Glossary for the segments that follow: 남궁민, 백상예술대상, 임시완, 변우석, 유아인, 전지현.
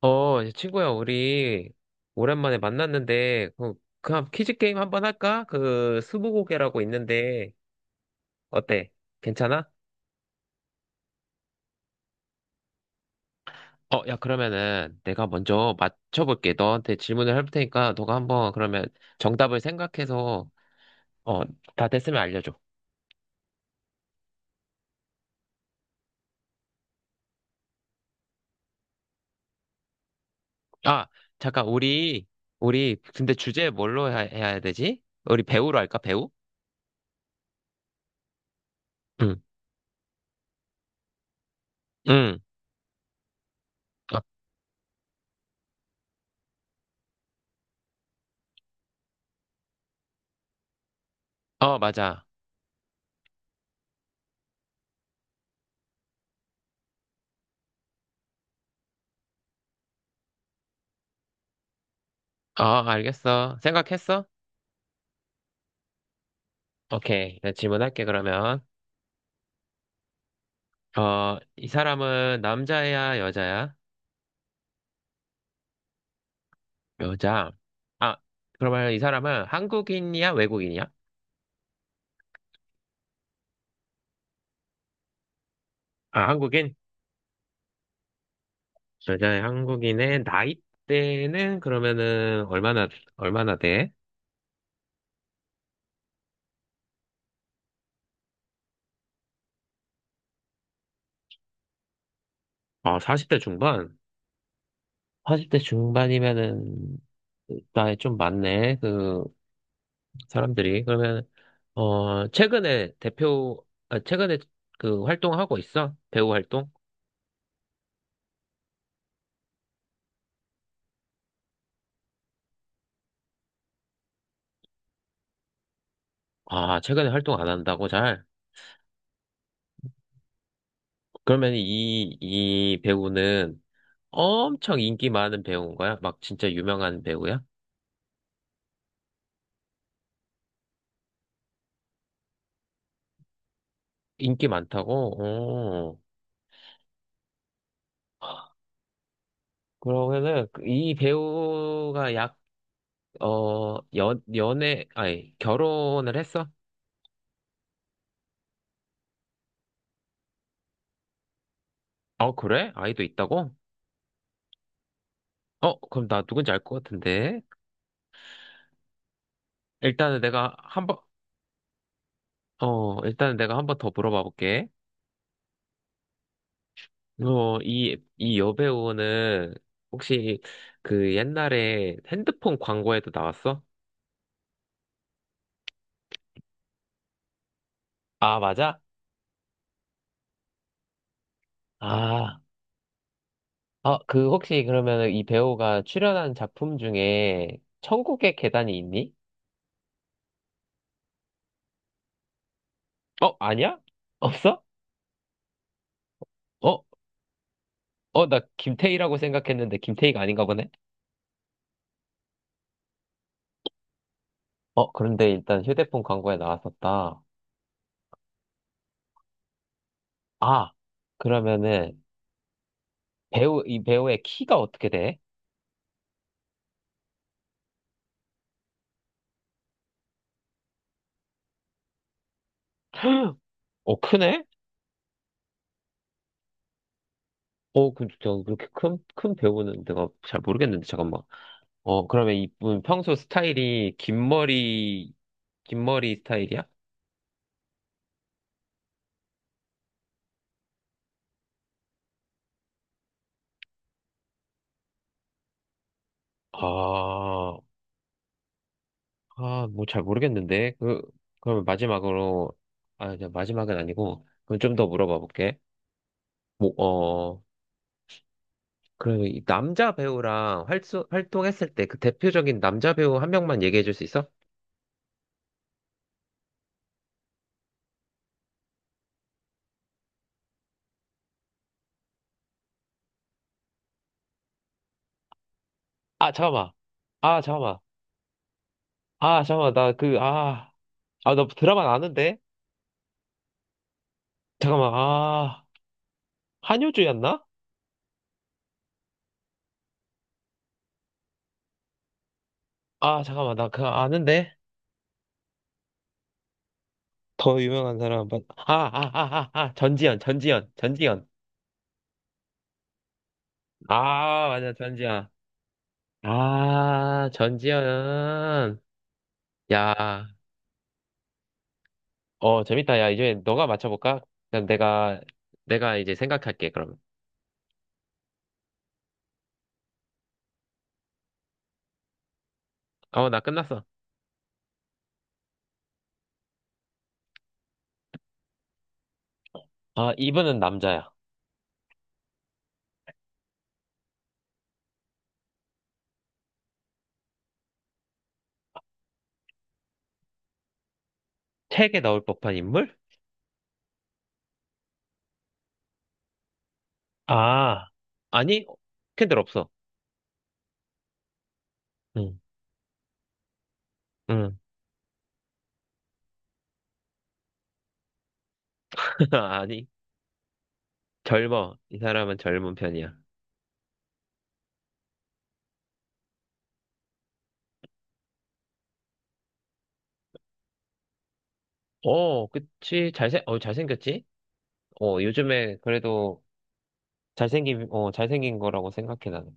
이제 친구야, 우리 오랜만에 만났는데, 그럼 퀴즈 게임 한번 할까? 스무고개라고 있는데, 어때? 괜찮아? 야, 그러면은 내가 먼저 맞춰볼게. 너한테 질문을 할 테니까, 너가 한번 그러면 정답을 생각해서, 어, 다 됐으면 알려줘. 아, 잠깐, 우리, 근데 주제 뭘로 해야 되지? 우리 배우로 할까? 배우? 응, 응. 어, 어, 맞아. 어, 알겠어. 생각했어? 오케이. 내가 질문할게, 그러면. 이 사람은 남자야, 여자야? 여자. 아, 그러면 이 사람은 한국인이야, 외국인이야? 아, 한국인? 여자의 한국인의 나이대는 그러면은 얼마나 돼? 어, 40대 중반? 40대 중반이면은 나이 좀 많네, 그 사람들이. 그러면, 최근에 그 활동하고 있어? 배우 활동? 아, 최근에 활동 안 한다고 잘? 그러면 이 배우는 엄청 인기 많은 배우인 거야? 막 진짜 유명한 배우야? 인기 많다고? 어. 그러면은 그이 배우가 연애, 아니, 결혼을 했어? 어, 그래? 아이도 있다고? 어, 그럼 나 누군지 알 것 같은데. 일단은 내가 한 번, 어, 일단은 내가 한 번 더 물어봐 볼게. 이 여배우는 혹시 그 옛날에 핸드폰 광고에도 나왔어? 아, 맞아? 아. 아, 그 혹시 그러면 이 배우가 출연한 작품 중에 천국의 계단이 있니? 어, 아니야? 없어? 어, 어, 나 김태희라고 생각했는데 김태희가 아닌가 보네? 어, 그런데 일단 휴대폰 광고에 나왔었다. 아, 그러면은 이 배우의 키가 어떻게 돼? 어, 크네? 어, 그렇게 큰 배우는 내가 잘 모르겠는데, 잠깐만. 그러면 이분 평소 스타일이 긴 머리 스타일이야? 아. 아, 뭐 잘 모르겠는데. 그러면 마지막으로, 아, 이제 마지막은 아니고, 그럼 좀 더 물어봐 볼게. 뭐, 그럼 이 남자 배우랑 활동했을 때 그 대표적인 남자 배우 한 명만 얘기해 줄 수 있어? 아, 잠깐만. 아, 잠깐만. 아, 잠깐만. 나 드라마 아는데? 잠깐만. 아, 한효주였나? 아, 잠깐만. 나 그거 아는데? 더 유명한 사람. 전지현, 전지현, 전지현. 아, 맞아, 전지현. 아, 전지현. 야, 재밌다. 야, 이제 너가 맞춰볼까? 그럼 내가 이제 생각할게, 그럼. 어, 나 끝났어. 아, 이분은 남자야. 책에 나올 법한 인물? 아, 아니, 캔들 없어. 응, 응. 아니, 젊어. 이 사람은 젊은 편이야. 어, 그치. 잘생겼지? 어, 요즘에 그래도 잘생긴 거라고 생각해, 나는.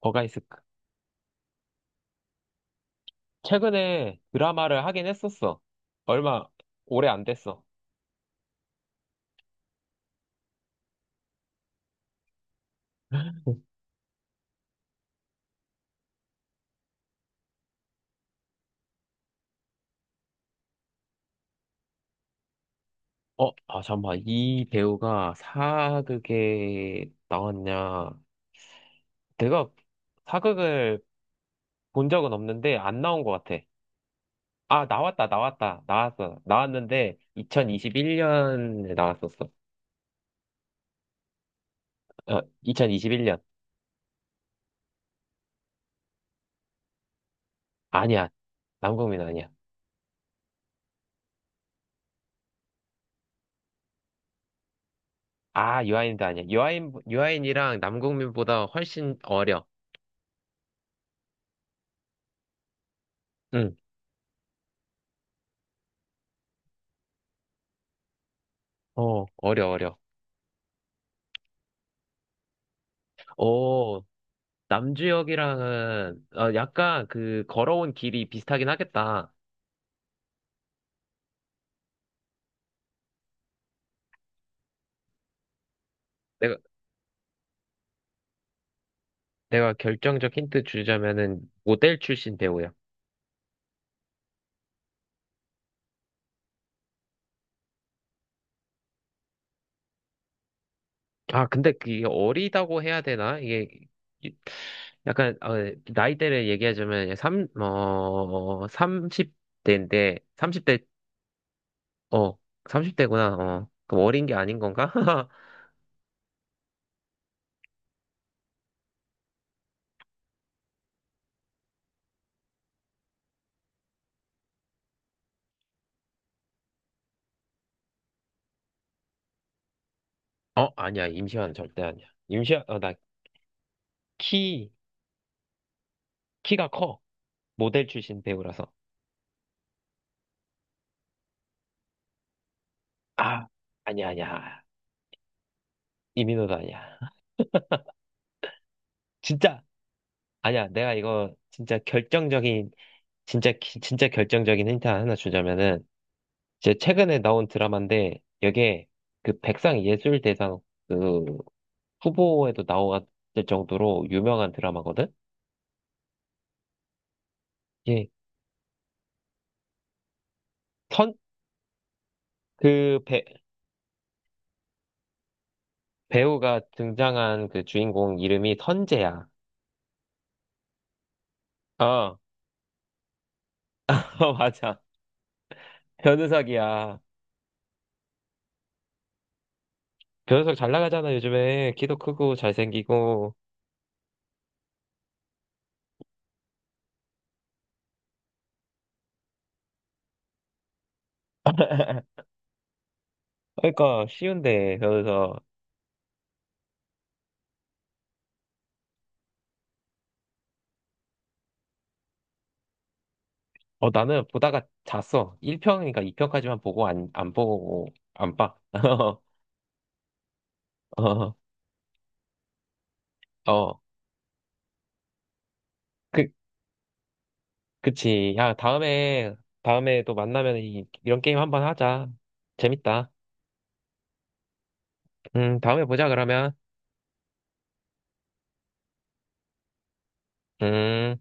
뭐가 있을까? 최근에 드라마를 하긴 했었어. 얼마, 오래 안 됐어. 어, 아, 잠깐만. 이 배우가 사극에 나왔냐. 내가 사극을 본 적은 없는데 안 나온 것 같아. 아, 나왔어. 나왔는데 2021년에 나왔었어. 어, 2021년. 아니야. 남궁민 아니야. 아, 유아인도 아니야. 유아인이랑 남궁민보다 훨씬 어려. 응. 어, 어려, 어려. 오, 남주역이랑은 약간 그 걸어온 길이 비슷하긴 하겠다. 내가 내가 결정적 힌트 주자면은 모델 출신 배우야. 아, 근데 그게 어리다고 해야 되나? 이- 약간 나이대를 얘기하자면 30대인데 30대. 어 삼십 대구나. 그럼 어린 게 아닌 건가? 아니야, 임시완 절대 아니야. 임시완. 나 키 키가 커. 모델 출신 배우라서. 아 아니야, 아니야. 이민호도 아니야. 진짜 아니야. 내가 이거 진짜 결정적인 힌트 하나 주자면은 제 최근에 나온 드라마인데 여기에 그 백상예술대상 그 후보에도 나왔을 정도로 유명한 드라마거든. 예. 선, 그 배, 배우가 등장한 그 주인공 이름이 선재야. 어, 어, 맞아. 변우석이야. 변우석 잘 나가잖아, 요즘에. 키도 크고 잘생기고. 그러니까 쉬운데, 변우석. 나는 보다가 잤어. 1편이니까 2편까지만 보고 안, 안 보고, 안 봐. 어, 어, 그, 그치. 야, 다음에 또 만나면 이런 게임 한번 하자. 재밌다. 다음에 보자, 그러면. 음.